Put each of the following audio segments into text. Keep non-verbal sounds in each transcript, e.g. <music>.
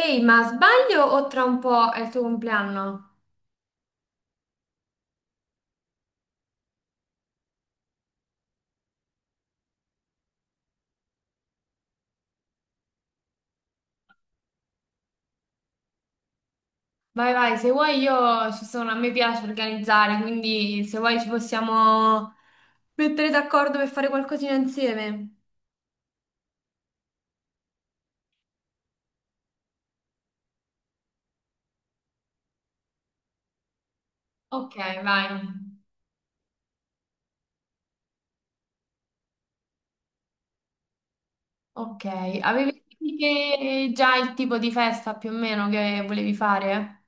Ehi, ma sbaglio o tra un po' è il tuo compleanno? Vai, se vuoi io ci sono, a me piace organizzare, quindi se vuoi ci possiamo mettere d'accordo per fare qualcosina insieme. Ok, vai. Ok, avevi detto che già il tipo di festa più o meno che volevi fare?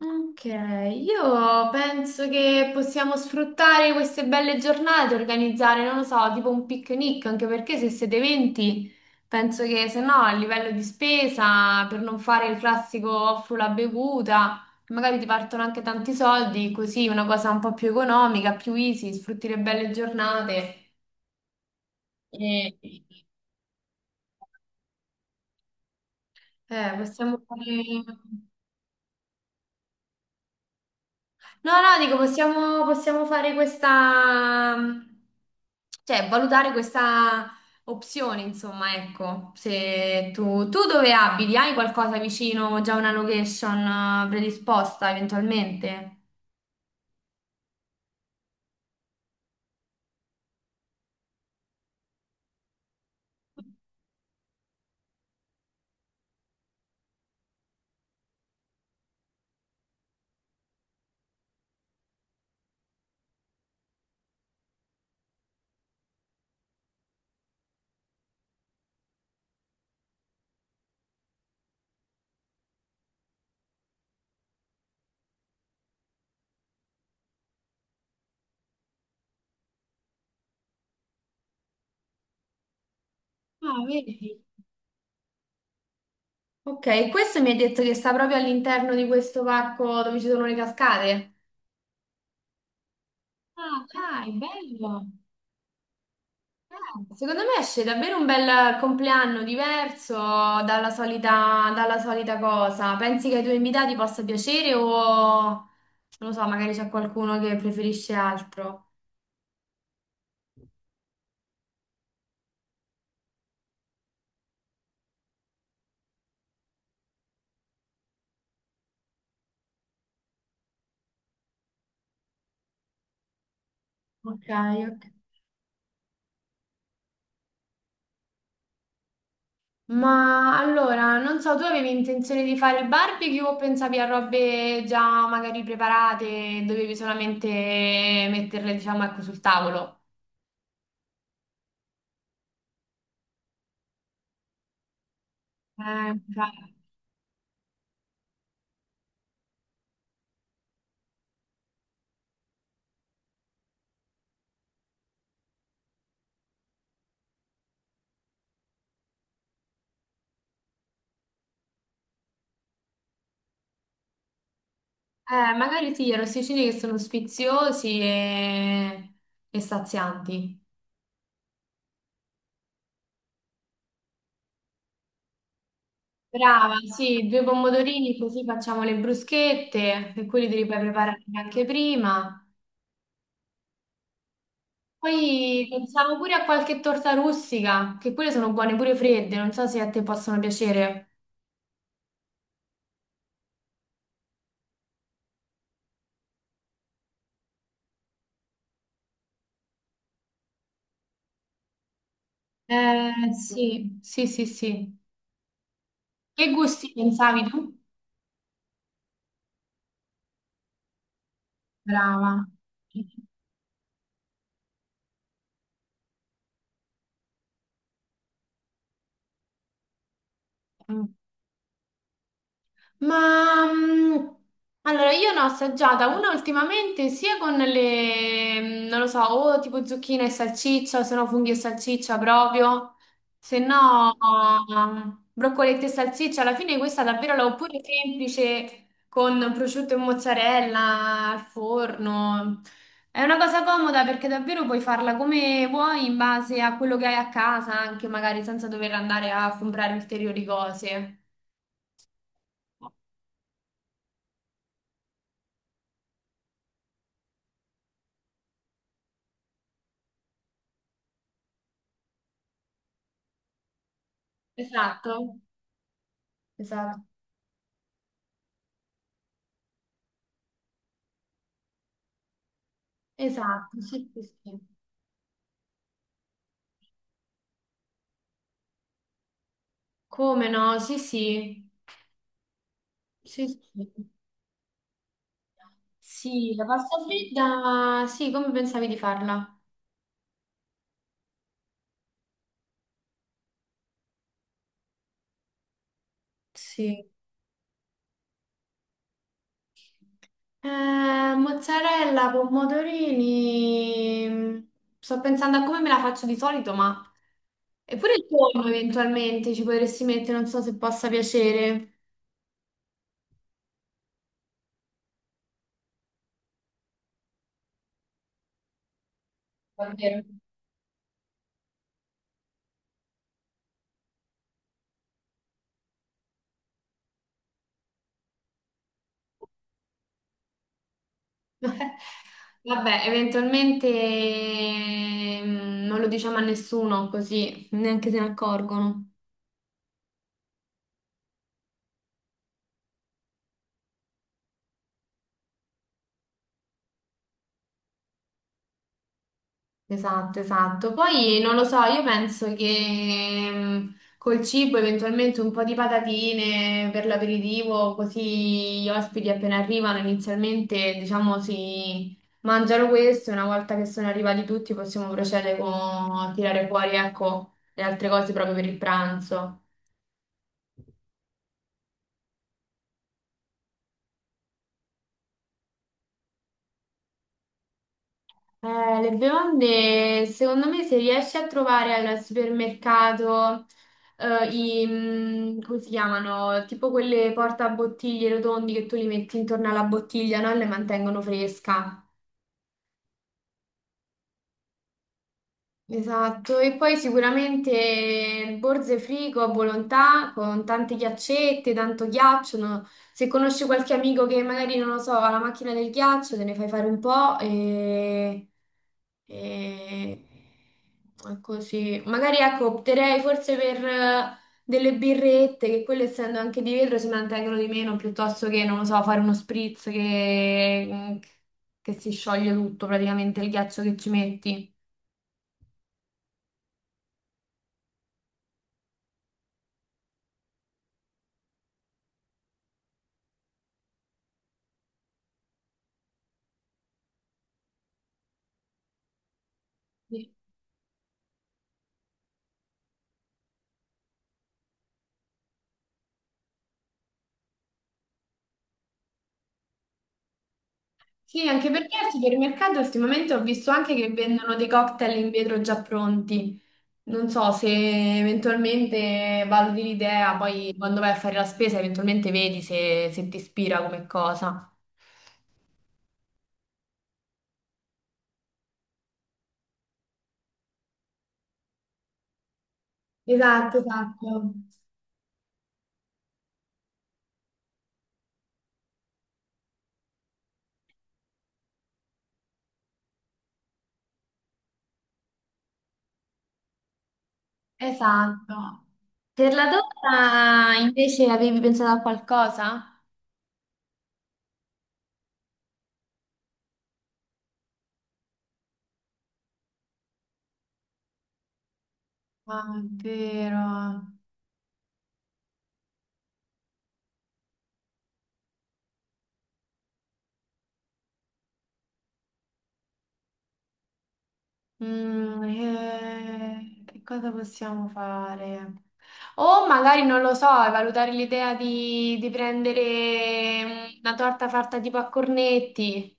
Ok, io penso che possiamo sfruttare queste belle giornate, organizzare, non lo so, tipo un picnic, anche perché se siete 20, penso che se no a livello di spesa, per non fare il classico offro la bevuta, magari ti partono anche tanti soldi, così una cosa un po' più economica, più easy, sfrutti le belle giornate e possiamo fare... No, no, dico, possiamo fare questa, cioè valutare questa opzione, insomma, ecco, se tu dove abiti, hai qualcosa vicino, già una location predisposta eventualmente? Ah, vedi? Ok, questo mi ha detto che sta proprio all'interno di questo parco dove ci sono le cascate. Ah, dai, bello. Secondo me esce davvero un bel compleanno diverso dalla solita cosa. Pensi che ai tuoi invitati possa piacere o non lo so, magari c'è qualcuno che preferisce altro? Ok, ok. Ma allora, non so, tu avevi intenzione di fare il barbecue o pensavi a robe già magari preparate, dovevi solamente metterle, diciamo, ecco, sul tavolo? Infatti. Magari sì, i arrosticini che sono sfiziosi e sazianti. Brava, sì, due pomodorini così facciamo le bruschette e quelli te li puoi preparare anche prima. Poi pensiamo pure a qualche torta rustica, che quelle sono buone pure fredde, non so se a te possono piacere. Sì, sì, sì, sì. Che gusti pensavi tu? Brava. Mm. Ma mm, allora io ne ho assaggiata una ultimamente sia con le, non lo so, o tipo zucchine e salsiccia, se no funghi e salsiccia proprio, se no broccoletti e salsiccia. Alla fine questa davvero l'ho pure semplice con prosciutto e mozzarella al forno. È una cosa comoda perché davvero puoi farla come vuoi in base a quello che hai a casa, anche magari senza dover andare a comprare ulteriori cose. Esatto. Esatto, esatto, sì, sì, sì. Come no? Sì, sì, sì, sì. Sì, la pasta fredda, sì, come pensavi di farla? Sì. Eh, mozzarella, pomodorini, sto pensando a come me la faccio di solito, ma... Eppure il tonno eventualmente ci potresti mettere, non so se possa piacere. Davvero? <laughs> Vabbè, eventualmente non lo diciamo a nessuno così neanche se ne accorgono. Esatto, esatto. Poi non lo so, io penso che mm, col cibo eventualmente un po' di patatine per l'aperitivo, così gli ospiti appena arrivano inizialmente, diciamo, si mangiano questo e una volta che sono arrivati tutti possiamo procedere con a tirare fuori, ecco, le altre cose proprio per il pranzo. Le bevande, secondo me, se riesci a trovare al supermercato eh, come si chiamano? Tipo quelle portabottiglie rotondi che tu li metti intorno alla bottiglia, no? E le mantengono fresca. Esatto, e poi sicuramente Borze Frigo a Volontà con tante ghiaccette, tanto ghiaccio. No? Se conosci qualche amico che magari non lo so, ha la macchina del ghiaccio, te ne fai fare un po' e- e così. Magari ecco, opterei forse per delle birrette, che quelle essendo anche di vetro si mantengono di meno, piuttosto che, non lo so, fare uno spritz che si scioglie tutto praticamente il ghiaccio che ci metti. Sì, anche perché al supermercato ultimamente ho visto anche che vendono dei cocktail in vetro già pronti. Non so se eventualmente valuti l'idea, poi quando vai a fare la spesa eventualmente vedi se, se ti ispira come cosa. Esatto, esatto. Esatto. Per la torta invece avevi pensato a qualcosa? Ah, è vero. Che cosa possiamo fare? O magari, non lo so, valutare l'idea di prendere una torta fatta tipo a cornetti,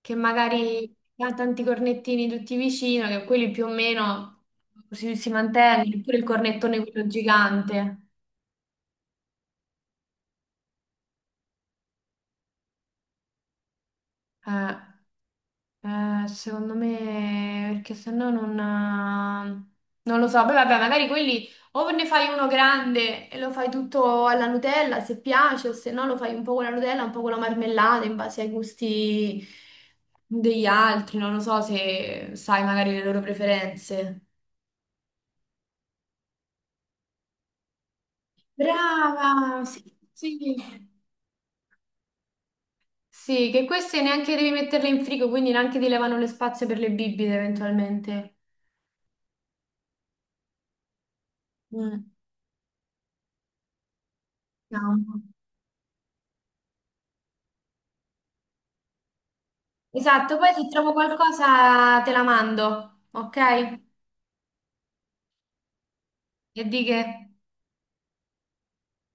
che magari ha tanti cornettini tutti vicino, che quelli più o meno si mantengono, oppure il cornettone quello gigante. Eh. Secondo me, perché sennò non lo so. Poi vabbè, magari quelli o ne fai uno grande e lo fai tutto alla Nutella se piace, o se no lo fai un po' con la Nutella, un po' con la marmellata in base ai gusti degli altri. Non lo so se sai magari le loro preferenze. Brava, sì, sì. Sì, che queste neanche devi metterle in frigo, quindi neanche ti levano le spazie per le bibite eventualmente. Mm. No. Esatto, poi se trovo qualcosa te la mando, ok? E di che?